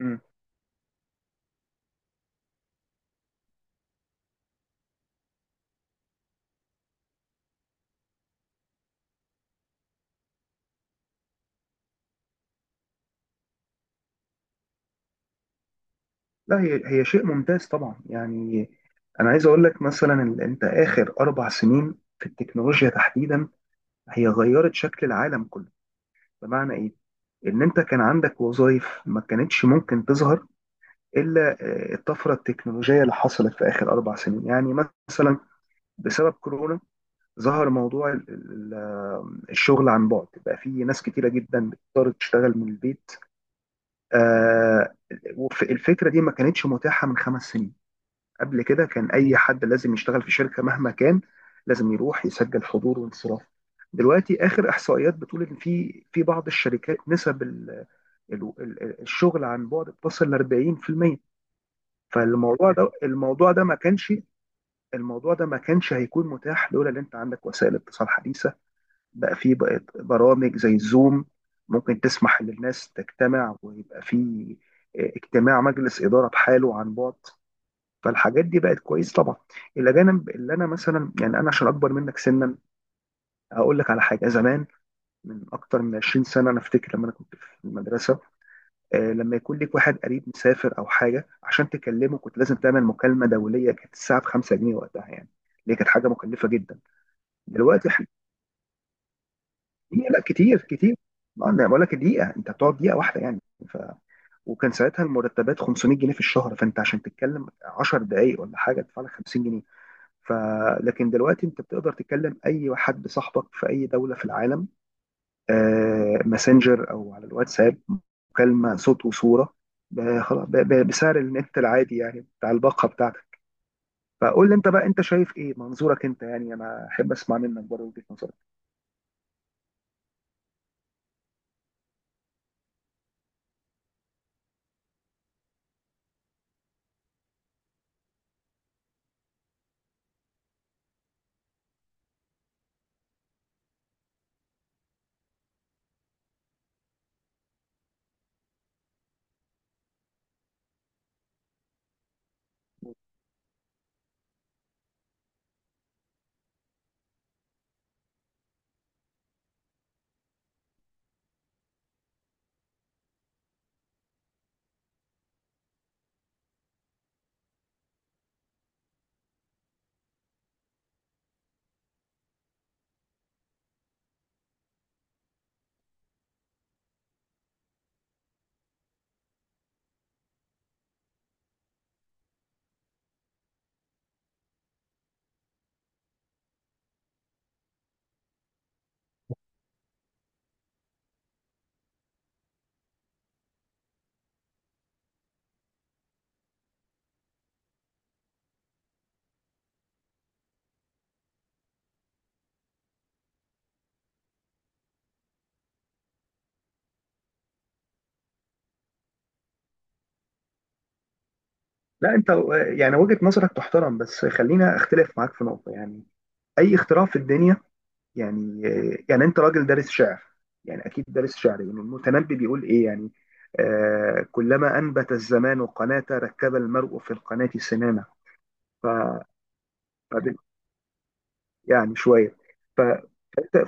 مم. لا هي شيء ممتاز طبعا، يعني انا عايز اقول لك مثلا إن انت اخر اربع سنين في التكنولوجيا تحديدا هي غيرت شكل العالم كله. بمعنى ايه؟ ان انت كان عندك وظائف ما كانتش ممكن تظهر الا الطفره التكنولوجيه اللي حصلت في اخر اربع سنين، يعني مثلا بسبب كورونا ظهر موضوع الشغل عن بعد. بقى في ناس كتيره جدا بتضطر تشتغل من البيت، آه، الفكره دي ما كانتش متاحه من خمس سنين. قبل كده كان اي حد لازم يشتغل في شركه مهما كان، لازم يروح يسجل حضور وانصراف. دلوقتي اخر احصائيات بتقول ان في بعض الشركات نسب الشغل عن بعد بتصل ل 40%. فالموضوع ده الموضوع ده ما كانش الموضوع ده ما كانش هيكون متاح لولا ان انت عندك وسائل اتصال حديثه. بقى في بقت برامج زي الزوم ممكن تسمح للناس تجتمع، ويبقى في اجتماع مجلس اداره بحاله عن بعد. فالحاجات دي بقت كويسه طبعا. الاجانب اللي انا مثلا، يعني انا عشان اكبر منك سنا هقول لك على حاجه زمان. من اكتر من 20 سنه، انا افتكر لما انا كنت في المدرسه، لما يكون ليك واحد قريب مسافر او حاجه عشان تكلمه كنت لازم تعمل مكالمه دوليه. كانت الساعه ب 5 جنيه وقتها يعني، اللي كانت حاجه مكلفه جدا. دلوقتي هي لا، كتير كتير. ما انا بقول لك دقيقه، انت بتقعد دقيقه واحده يعني. ف... وكان ساعتها المرتبات 500 جنيه في الشهر، فانت عشان تتكلم 10 دقائق ولا حاجه تدفع لك 50 جنيه. ف لكن دلوقتي انت بتقدر تتكلم اي حد صاحبك في اي دوله في العالم، ماسنجر او على الواتساب، مكالمه صوت وصوره، خلاص، بسعر النت العادي يعني، بتاع الباقه بتاعتك. فقول لي انت بقى، انت شايف ايه منظورك انت، يعني انا احب اسمع منك بره وجهه نظرك. لا انت، يعني وجهه نظرك تحترم، بس خلينا اختلف معاك في نقطه يعني. اي اختراع في الدنيا، يعني انت راجل دارس شعر، يعني اكيد دارس شعر، يعني المتنبي بيقول ايه يعني؟ آه، كلما انبت الزمان قناة ركب المرء في القناة سنامة. ف فب- يعني شوية. ف-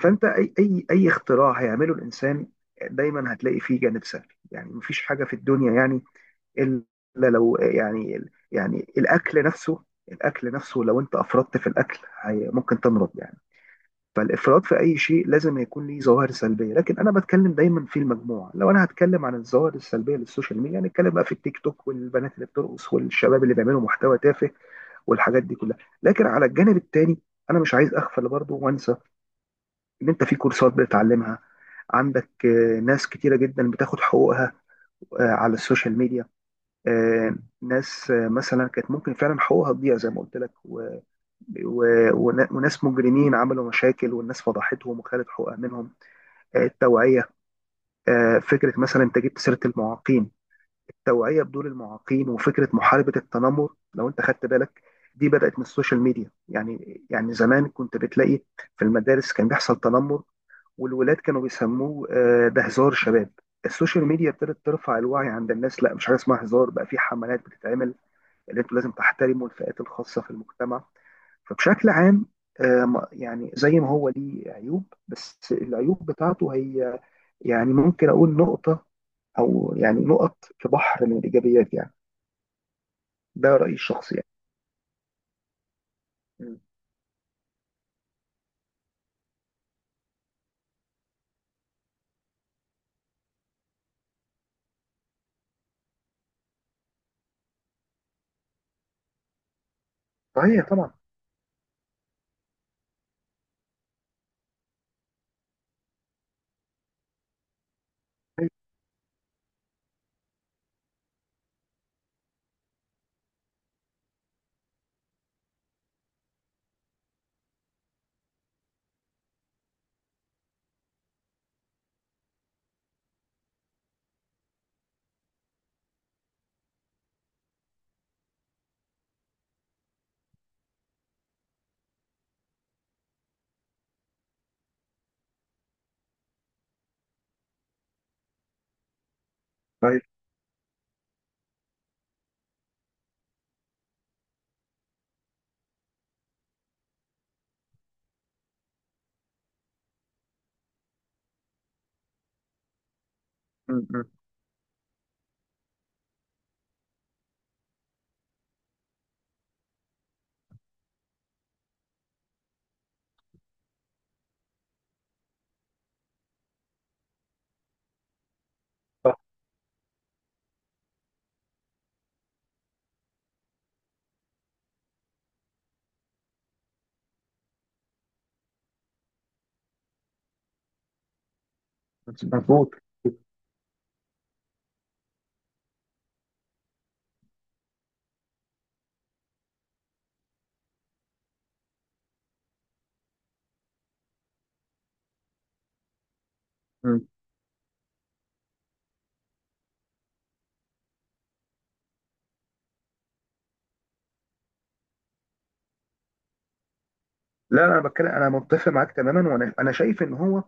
فانت اي اختراع هيعمله الانسان دايما هتلاقي فيه جانب سلبي، يعني مفيش حاجة في الدنيا يعني الا لو، يعني الاكل نفسه. لو انت افرطت في الاكل ممكن تمرض يعني. فالافراط في اي شيء لازم يكون ليه ظواهر سلبيه. لكن انا بتكلم دايما في المجموعه، لو انا هتكلم عن الظواهر السلبيه للسوشيال ميديا هنتكلم بقى في التيك توك والبنات اللي بترقص والشباب اللي بيعملوا محتوى تافه والحاجات دي كلها. لكن على الجانب التاني انا مش عايز اغفل برضه وانسى ان انت في كورسات بتتعلمها. عندك ناس كتيره جدا بتاخد حقوقها على السوشيال ميديا، آه، ناس مثلا كانت ممكن فعلا حقوقها تضيع زي ما قلت لك، وناس مجرمين عملوا مشاكل والناس فضحتهم وخدت حقوقها منهم. التوعية، فكرة مثلا انت جبت سيرة المعاقين، التوعية بدور المعاقين وفكرة محاربة التنمر لو انت خدت بالك، دي بدأت من السوشيال ميديا، يعني زمان كنت بتلاقي في المدارس كان بيحصل تنمر والولاد كانوا بيسموه ده هزار شباب. السوشيال ميديا ابتدت ترفع الوعي عند الناس، لا مش حاجه اسمها هزار، بقى في حملات بتتعمل اللي انتوا لازم تحترموا الفئات الخاصه في المجتمع. فبشكل عام يعني زي ما هو ليه عيوب، بس العيوب بتاعته هي يعني ممكن أقول نقطة أو يعني نقط في بحر من الإيجابيات يعني. ده رأيي الشخصي يعني. مم. صحيح طبعا. صحيح. صحيح. مم، مم. صح. مظبوط. مم. لا أنا بتكلم، أنا متفق معاك تماما، وأنا شايف إن هو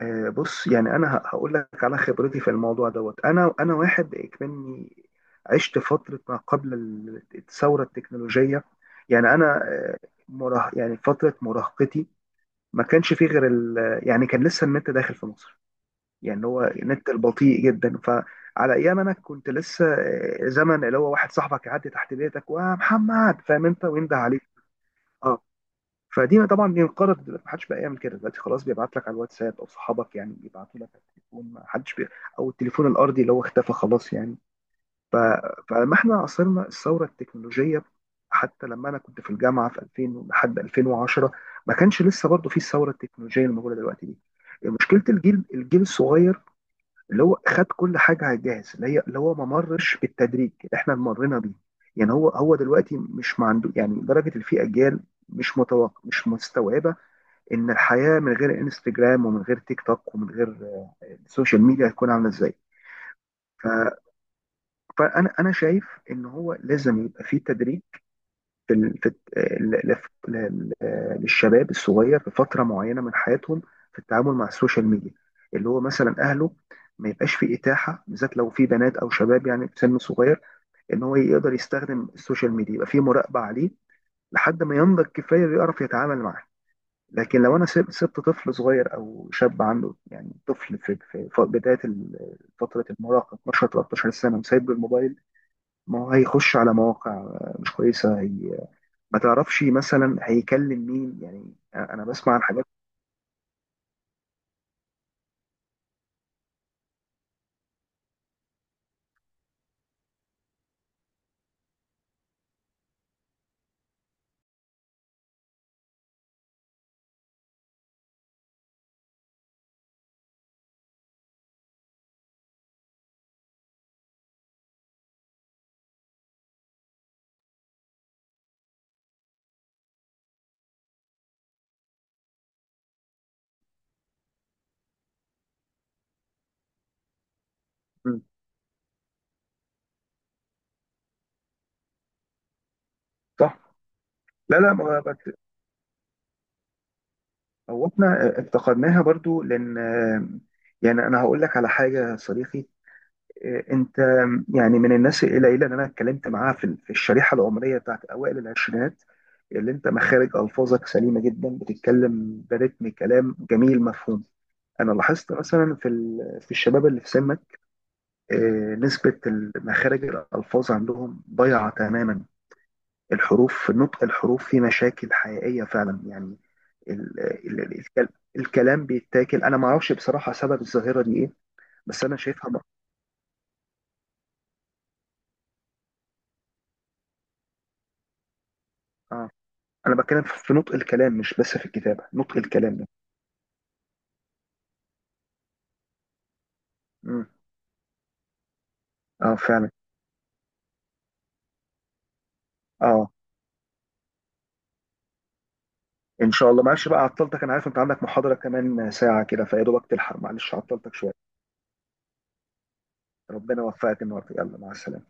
بص، يعني انا هقول لك على خبرتي في الموضوع دوت. انا واحد اكمني عشت فتره ما قبل الثوره التكنولوجيه، يعني انا مراه، يعني فتره مراهقتي ما كانش فيه غير يعني كان لسه النت داخل في مصر، يعني هو النت البطيء جدا. فعلى ايام انا كنت لسه زمن اللي هو واحد صاحبك يعدي تحت بيتك ومحمد فاهم انت وينده عليك. اه. فدي طبعا انقرضت دلوقتي، محدش بقى يعمل كده. دلوقتي خلاص بيبعت لك على الواتساب، او صحابك يعني بيبعتوا لك على التليفون، محدش او التليفون الارضي اللي هو اختفى خلاص يعني. ف... فلما احنا عاصرنا الثوره التكنولوجيه، حتى لما انا كنت في الجامعه في 2000 لحد 2010 ما كانش لسه برضه في الثوره التكنولوجيه الموجوده دلوقتي دي. مشكله الجيل الصغير اللي هو خد كل حاجه على الجاهز، اللي هي اللي هو ما مرش بالتدريج اللي احنا مرينا بيه. يعني هو دلوقتي مش ما عنده، يعني لدرجه ان في اجيال مش متوقع مش مستوعبه ان الحياه من غير انستجرام ومن غير تيك توك ومن غير السوشيال ميديا هتكون عامله ازاي. ف- فانا شايف ان هو لازم يبقى في تدريب في ال- في الت- ل- ل- ل- ل- للشباب الصغير في فتره معينه من حياتهم في التعامل مع السوشيال ميديا. اللي هو مثلا اهله ما يبقاش في اتاحه، بالذات لو في بنات او شباب يعني في سن صغير، ان هو يقدر يستخدم السوشيال ميديا، يبقى في مراقبه عليه لحد ما ينضج كفايه يعرف يتعامل معاه. لكن لو انا سبت طفل صغير او شاب عنده، يعني طفل في بدايه فتره المراهقه، 12 13 سنه، وسايب له الموبايل، ما هو هيخش على مواقع مش كويسه هي، ما تعرفش مثلا هيكلم مين، يعني انا بسمع عن حاجات. مم. صح. لا لا، ما هو هو احنا افتقدناها برضو، لان يعني انا هقول لك على حاجه يا صديقي. انت، يعني من الناس القليله اللي انا اتكلمت معاها في الشريحه العمريه بتاعت اوائل العشرينات، اللي انت مخارج الفاظك سليمه جدا، بتتكلم برتم كلام جميل مفهوم. انا لاحظت مثلا في الشباب اللي في سنك نسبه مخارج الالفاظ عندهم ضايعه تماما. الحروف، نطق الحروف، في مشاكل حقيقيه فعلا يعني. ال- ال- ال- الكل- الكلام بيتاكل. انا ما اعرفش بصراحه سبب الظاهره دي ايه. بس انا شايفها، اه، انا بتكلم في نطق الكلام مش بس في الكتابه، نطق الكلام ده. امم اه، فعلا. اه، ان شاء الله. معلش بقى عطلتك، انا عارف انت عندك محاضره كمان ساعه كده، فيا دوبك تلحق، معلش عطلتك شويه. ربنا يوفقك النهارده، يلا مع السلامه.